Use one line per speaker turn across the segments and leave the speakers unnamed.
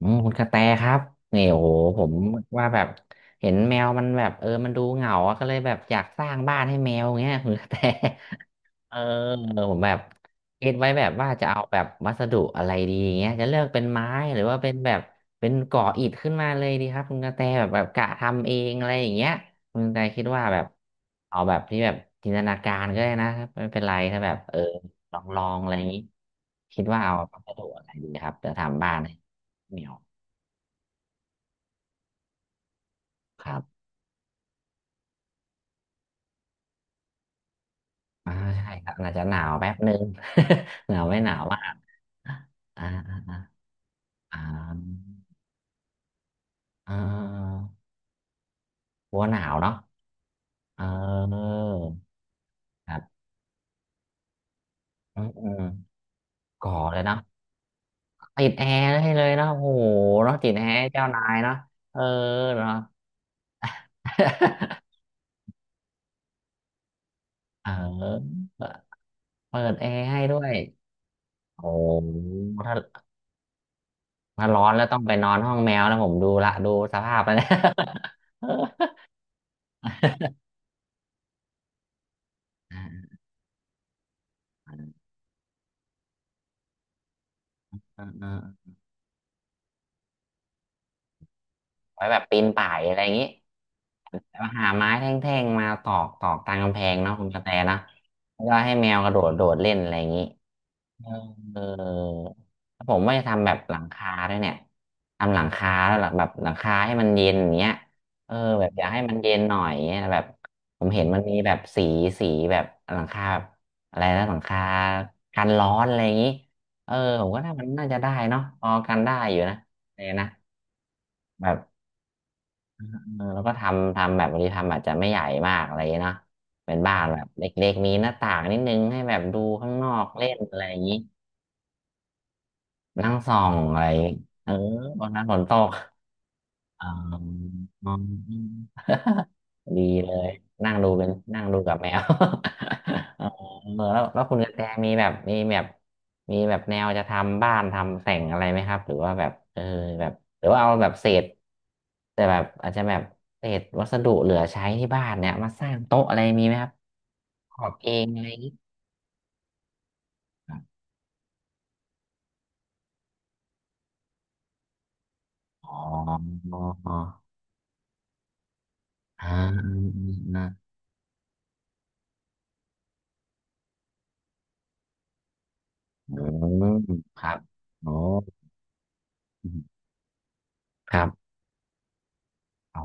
คุณกระแตครับนี่โอ้โหผมว่าแบบเห็นแมวมันแบบมันดูเหงาอะก็เลยแบบอยากสร้างบ้านให้แมวเงี้ยคุณกระแต เออผมแบบคิดไว้แบบว่าจะเอาแบบวัสดุอะไรดีเงี้ยจะเลือกเป็นไม้หรือว่าเป็นแบบเป็นก่ออิฐขึ้นมาเลยดีครับคุณกระแตแบบกะทำเองอะไรอย่างเงี้ยคุณกระแตคิดว่าแบบเอาแบบที่แบบจินตนาการก็ได้นะครับไม่เป็นไรถ้าแบบลองอะไรอย่างงี้คิดว่าเอาวัสดุอะไรดีครับจะทำบ้านให้แมว ครับอ่าใช่ครับอาจจะหนาวแป๊บนึง หนาวไม่หนาวมากอ่าอ่าอ่าเออกลัวหนาวเนาะเออครับอืมก่อเลยเนาะติดแอร์ได้เลยเนาะโอ้โหเนาะติดแอร์เจ้านายเนาะเออเนาะ เออเปิดแอร์ให้ด้วยโอ้ถ้าร้อนแล้วต้องไปนอนห้องแมวนะผมดูละดูสภาพไปแล้ว อ่า ไว้แบบปีนป่ายอะไรอย่างนี้แล้วหาไม้แท่งๆมาตอกตอกตามกำแพงเนาะคุณกระแตนะแล้วก็ให้แมวกระโดดโดดเล่นอะไรอย่างนี้เออเออแล้วผมว่าจะทำแบบหลังคาด้วยเนี่ยทำหลังคาแล้วหลังแบบหลังคาให้มันเย็นอย่างเงี้ยเออแบบอยากให้มันเย็นหน่อยเงี้ยแบบผมเห็นมันมีแบบสีสีแบบหลังคาแบบอะไรนะหลังคากันร้อนอะไรอย่างนี้เออผมก็น่ามันน่าจะได้เนาะพอกันได้อยู่นะเลยนะแบบ เออแล้วก็ทำแบบบางทีทำอาจจะไม่ใหญ่มากอะไรอย่างเงี้ยเนาะเป็นบ้านแบบเล็กๆมีหน้าต่างนิดนึงให้แบบดูข้างนอกเล่นอะไรอย่างนี้นั่งส่องอะไรอย่างงี้เออวันนั้นฝนตก อ๋ออ๋อ ดีเลยนั่งดูเป็นนั่งดูกับแมว เออแล้วคุณกระแตมีแบบมีแบบแนวจะทำบ้านทำแต่งอะไรไหมครับหรือว่าแบบแบบหรือว่าเอาแบบเศษแต่แบบอาจจะแบบเศษวัสดุเหลือใช้ที่บ้านเนี่ยมาสร้างโต๊ะอะไรมีไหมครับขอบเองอะไรอย่างงี้ครับอ๋ออ่าอืมอืมอืมครับโอ้ครับโอ้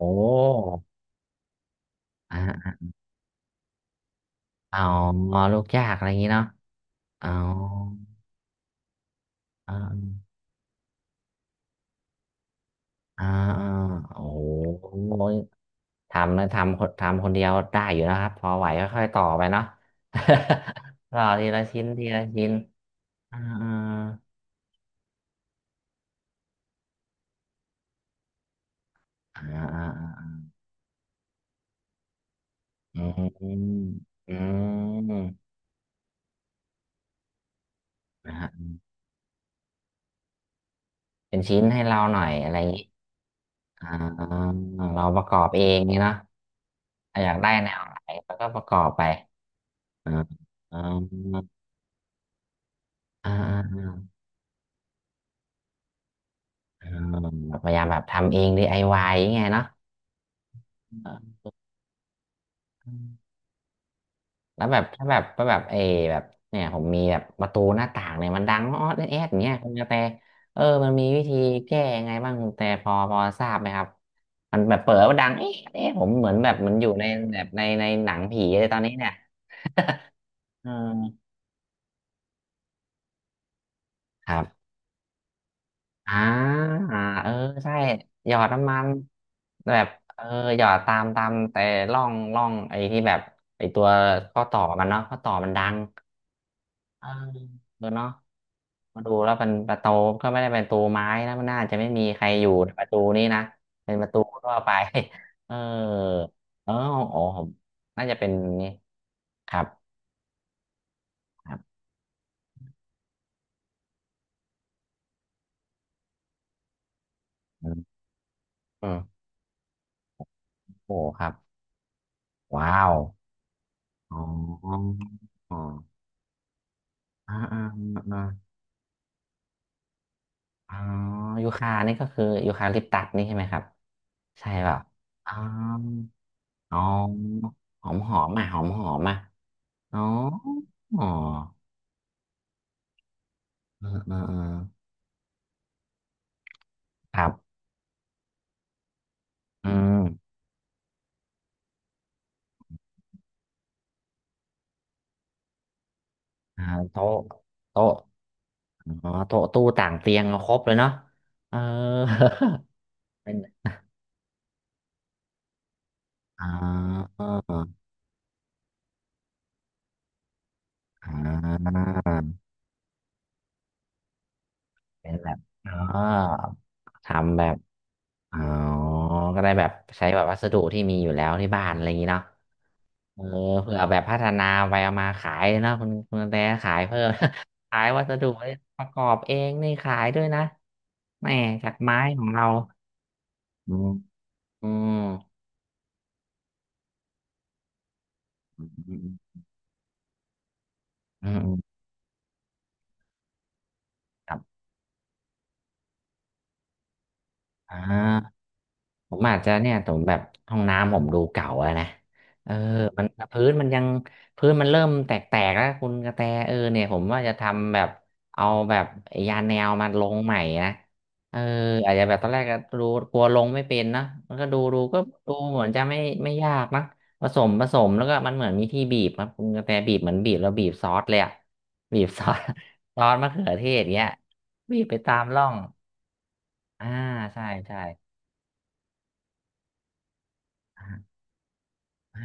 โอ้อ่าอ๋อลูกยากอะไรอย่างงี้เนาะอ๋ออ่าอ่าอ่าโอ้โหทำนะทำคนทำคนเดียวได้อยู่นะครับพอไหวก็ค่อยต่อไปเนาะ ต่อทีละชิ้นทีละชิ้นอ่าอ่าอ่าอ่าอืมอืมนะฮะเป็นชิ้นให้เราหน่อยอะไรอย่างงี้อ่าเราประกอบเองนี่เนาะอยากได้แนวไหนแล้วก็ประกอบไปอ่าอ่าอ่า อ่าแบบพยายามแบบทำเอง DIY อวายอย่างเงี้ยเนาะเออแล้วแบบถ้าแบบก็แบบเออแบบเนี่ยผมมีแบบประตูหน้าต่างเนี่ยมันดังออดแอดอย่างเงี้ยคุณกระแตเออมันมีวิธีแก้ยังไงบ้างคุณกระแต่พอทราบไหมครับมันแบบเปิดว่าดังเอ๊ะเอ๊ะผมเหมือนแบบเหมันอยู่ในในหนังผีเลยตอนนี้เนี่ยเออครับ อ่าอ่าเออใช่หยอดน้ำมันแบบเออหยอดตามแต่ร่องไอ้ที่แบบไอ้ตัวข้อต่อมันเนาะข้อต่อมันดังเออเออเนาะมาดูแล้วเป็นประตูก็ไม่ได้เป็นประตูไม้นะมันน่าจะไม่มีใครอยู่ในประตูนี้นะเป็นประตูทั่วไป เออเออโอ้ผมน่าจะเป็นนี่ครับครับอืมอืมโอ้ครับว้าวอ๋ออ๋ออ่าอ่าอ่า อ๋อยูคานี่ก็คือยูคาลิปตัสนี่ใช่ไหมครับใช่เปล่าอ๋ออ๋อหอมหอมอ่ะหอมหอมอ่ะอ๋ออ๋อเออเออเออครับอืมอ่าโต๊ะโต๊ะอ๋อโต๊ะตู้ต่างเตียงเอาครบเลยเนาะเออ เป็นอ่าอ่าเป็นแบบอ๋อทำแบบอ๋อก็ได้แบบใช้แบบวัสดุที่มีอยู่แล้วที่บ้านอะไรอย่างนี้เนาะ เออเผื่อแบบพัฒนาไปเอามาขายนะคุณแต่ขายเพิ่ม ขายวัสดุประกอบเองนี่ขายด้วยนะแหม่จากไม้ของเราอืมอืมอืมอือืมครับอ่า ผมอาจจะเนี่ยผมแบบห้องน้ำผมดูเก่าแล้วนะเออมันพื้นมันยังพื้นมันเริ่มแตกๆแล้วคุณกระแตเออเนี่ยผมว่าจะทำแบบเอาแบบยาแนวมาลงใหม่นะเอออาจจะแบบตอนแรกก็ดูกลัวลงไม่เป็นนะมันก็ดูก็ดูเหมือนจะไม่ไม่ยากนะผสมแล้วก็มันเหมือนมีที่บีบครับคุณกระแตบีบเหมือนบีบแล้วบีบซอสเลยอะบีบซอส ซอสมะเขือเทศเงี้ยบีบไปตามร่องอ่าใช่ อ่า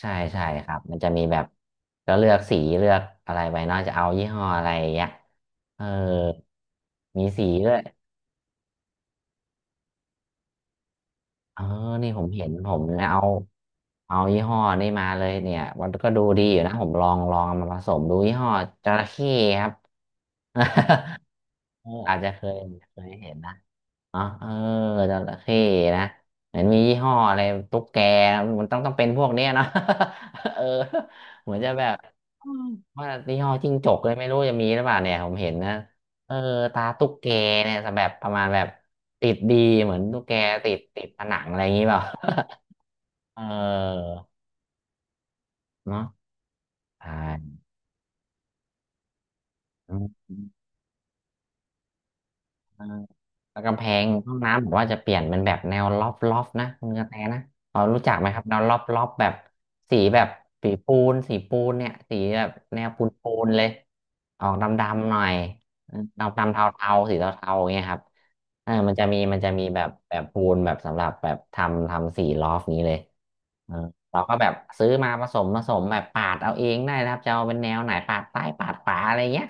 ใช่ใช่ครับมันจะมีแบบก็เลือกสีเลือกอะไรไปเนอกจะเอายี่ห้ออะไรอย่างเงี้ยเออมีสีด้วยเออนี่ผมเห็นผมเนี่ยเอาเอายี่ห้อนี่มาเลยเนี่ยมันก็ดูดีอยู่นะผมลองลองเอามาผสมดูยี่ห้อจระเข้ครับ อาจจะเคยเคยเห็นนะ อ๋อเออจระเข้นะเหมือนมียี่ห้ออะไรตุ๊กแกมันต้องเป็นพวกเนี้ยเนาะ เออเหมือนจะแบบอืมว่ายี่ห้อจิ้งจกเลยไม่รู้จะมีหรือเปล่าเนี่ยผมเห็นนะเออตาตุ๊กแกเนี่ยแบบประมาณแบบติดดีเหมือนตุ๊กแกติดติดผนังอะไรอย่างนี้เปล่า เออเนาะใช่ แล้วกำแพงห้องน้ำผมว่าจะเปลี่ยนเป็นแบบแนวล็อฟล็อฟนะคุณกระแตนะพอรู้จักไหมครับแนวล็อฟล้อฟแบบสีแบบสีปูนสีปูนเนี่ยสีแบบแนวปูนปูนเลยออกดำๆหน่อยดำดำเทาๆสีเทาๆอย่างเงี้ยครับมันจะมีมันจะมีแบบแบบปูนแบบสำหรับแบบทำทำสีล็อฟนี้เลยเออเราก็แบบซื้อมาผสมผสมแบบปาดเอาเองได้นะครับจะเอาเป็นแนวไหนปาดซ้ายปาดขวาอะไรเงี้ย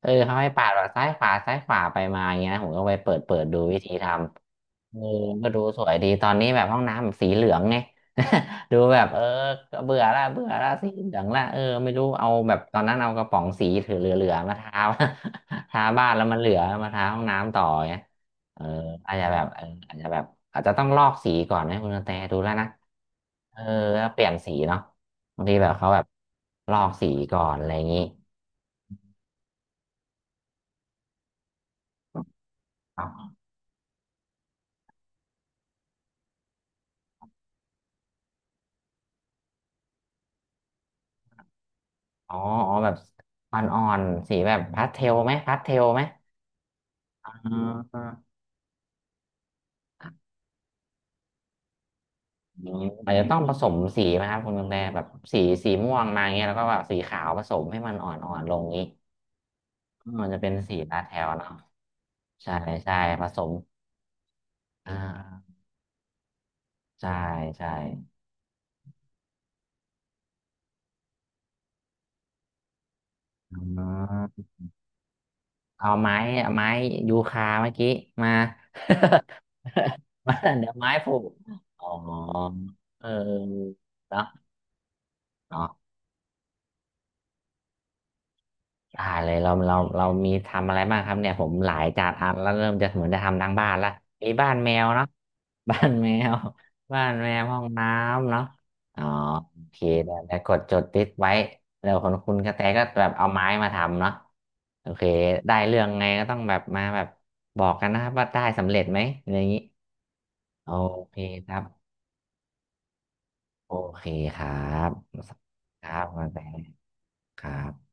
เขาให้ปาดแบบซ้ายขวาซ้ายขวาไปมาอย่างเงี้ยผมก็ไปเปิดเปิดดูวิธีทำก็ดูสวยดีตอนนี้แบบห้องน้ำแบบสีเหลืองไง ดูแบบก็เบื่อละเบื่อละสีเหลืองละไม่รู้เอาแบบตอนนั้นเอากระป๋องสีถือเหลือๆมาทา ทาบ้านแล้วมันเหลือมาทาห้องน้ำต่อเงี้ยเอออาจจะแบบอาจจะแบบอาจจะต้องลอกสีก่อนนะคุณกระแตดูแล้วนะเออแล้วเปลี่ยนสีเนาะบางทีแบบเขาแบบลอกสีก่อนอะไรอย่างนี้ อ๋ออ๋อแบบอ่อนๆสีแบบพาสเทลไหมพาสเทลไหมอ่าอืมอาจจะต้องผสมสีไหมครับคุณกระแตแบบสีม่วงมาอย่างเงี้ยแล้วก็แบบสีขาวผสมให้มันอ่อนๆลงนี้อืมมันจะเป็นสีพาสเทลเนาะใช่ใช่ผสมอ่าใช่ใช่อืมเอาไม้ไม้ยูคาเมื่อกี้มา มาเดี๋ยวไม้ผูกอ๋อเออเนาะ ได้เลยเรามีทำอะไรบ้างครับเนี่ยผมหลายจัดอันแล้วเริ่มจะเหมือนจะทำทั้งบ้านละมีบ้านแมวเนาะ บ้านแมวบ้านแมวห้องน้ำเนาะอ๋อโอเคเดี๋ยวจะกดจดติสตไว้แล้วคนคุณกระแตก็แบบเอาไม้มาทำเนาะโอเคได้เรื่องไงก็ต้องแบบมาแบบบอกกันนะครับว่าได้สำเร็จไหมอะไรอย่างนี้โอเคครับโอเคครับครับคุณกระแตครับ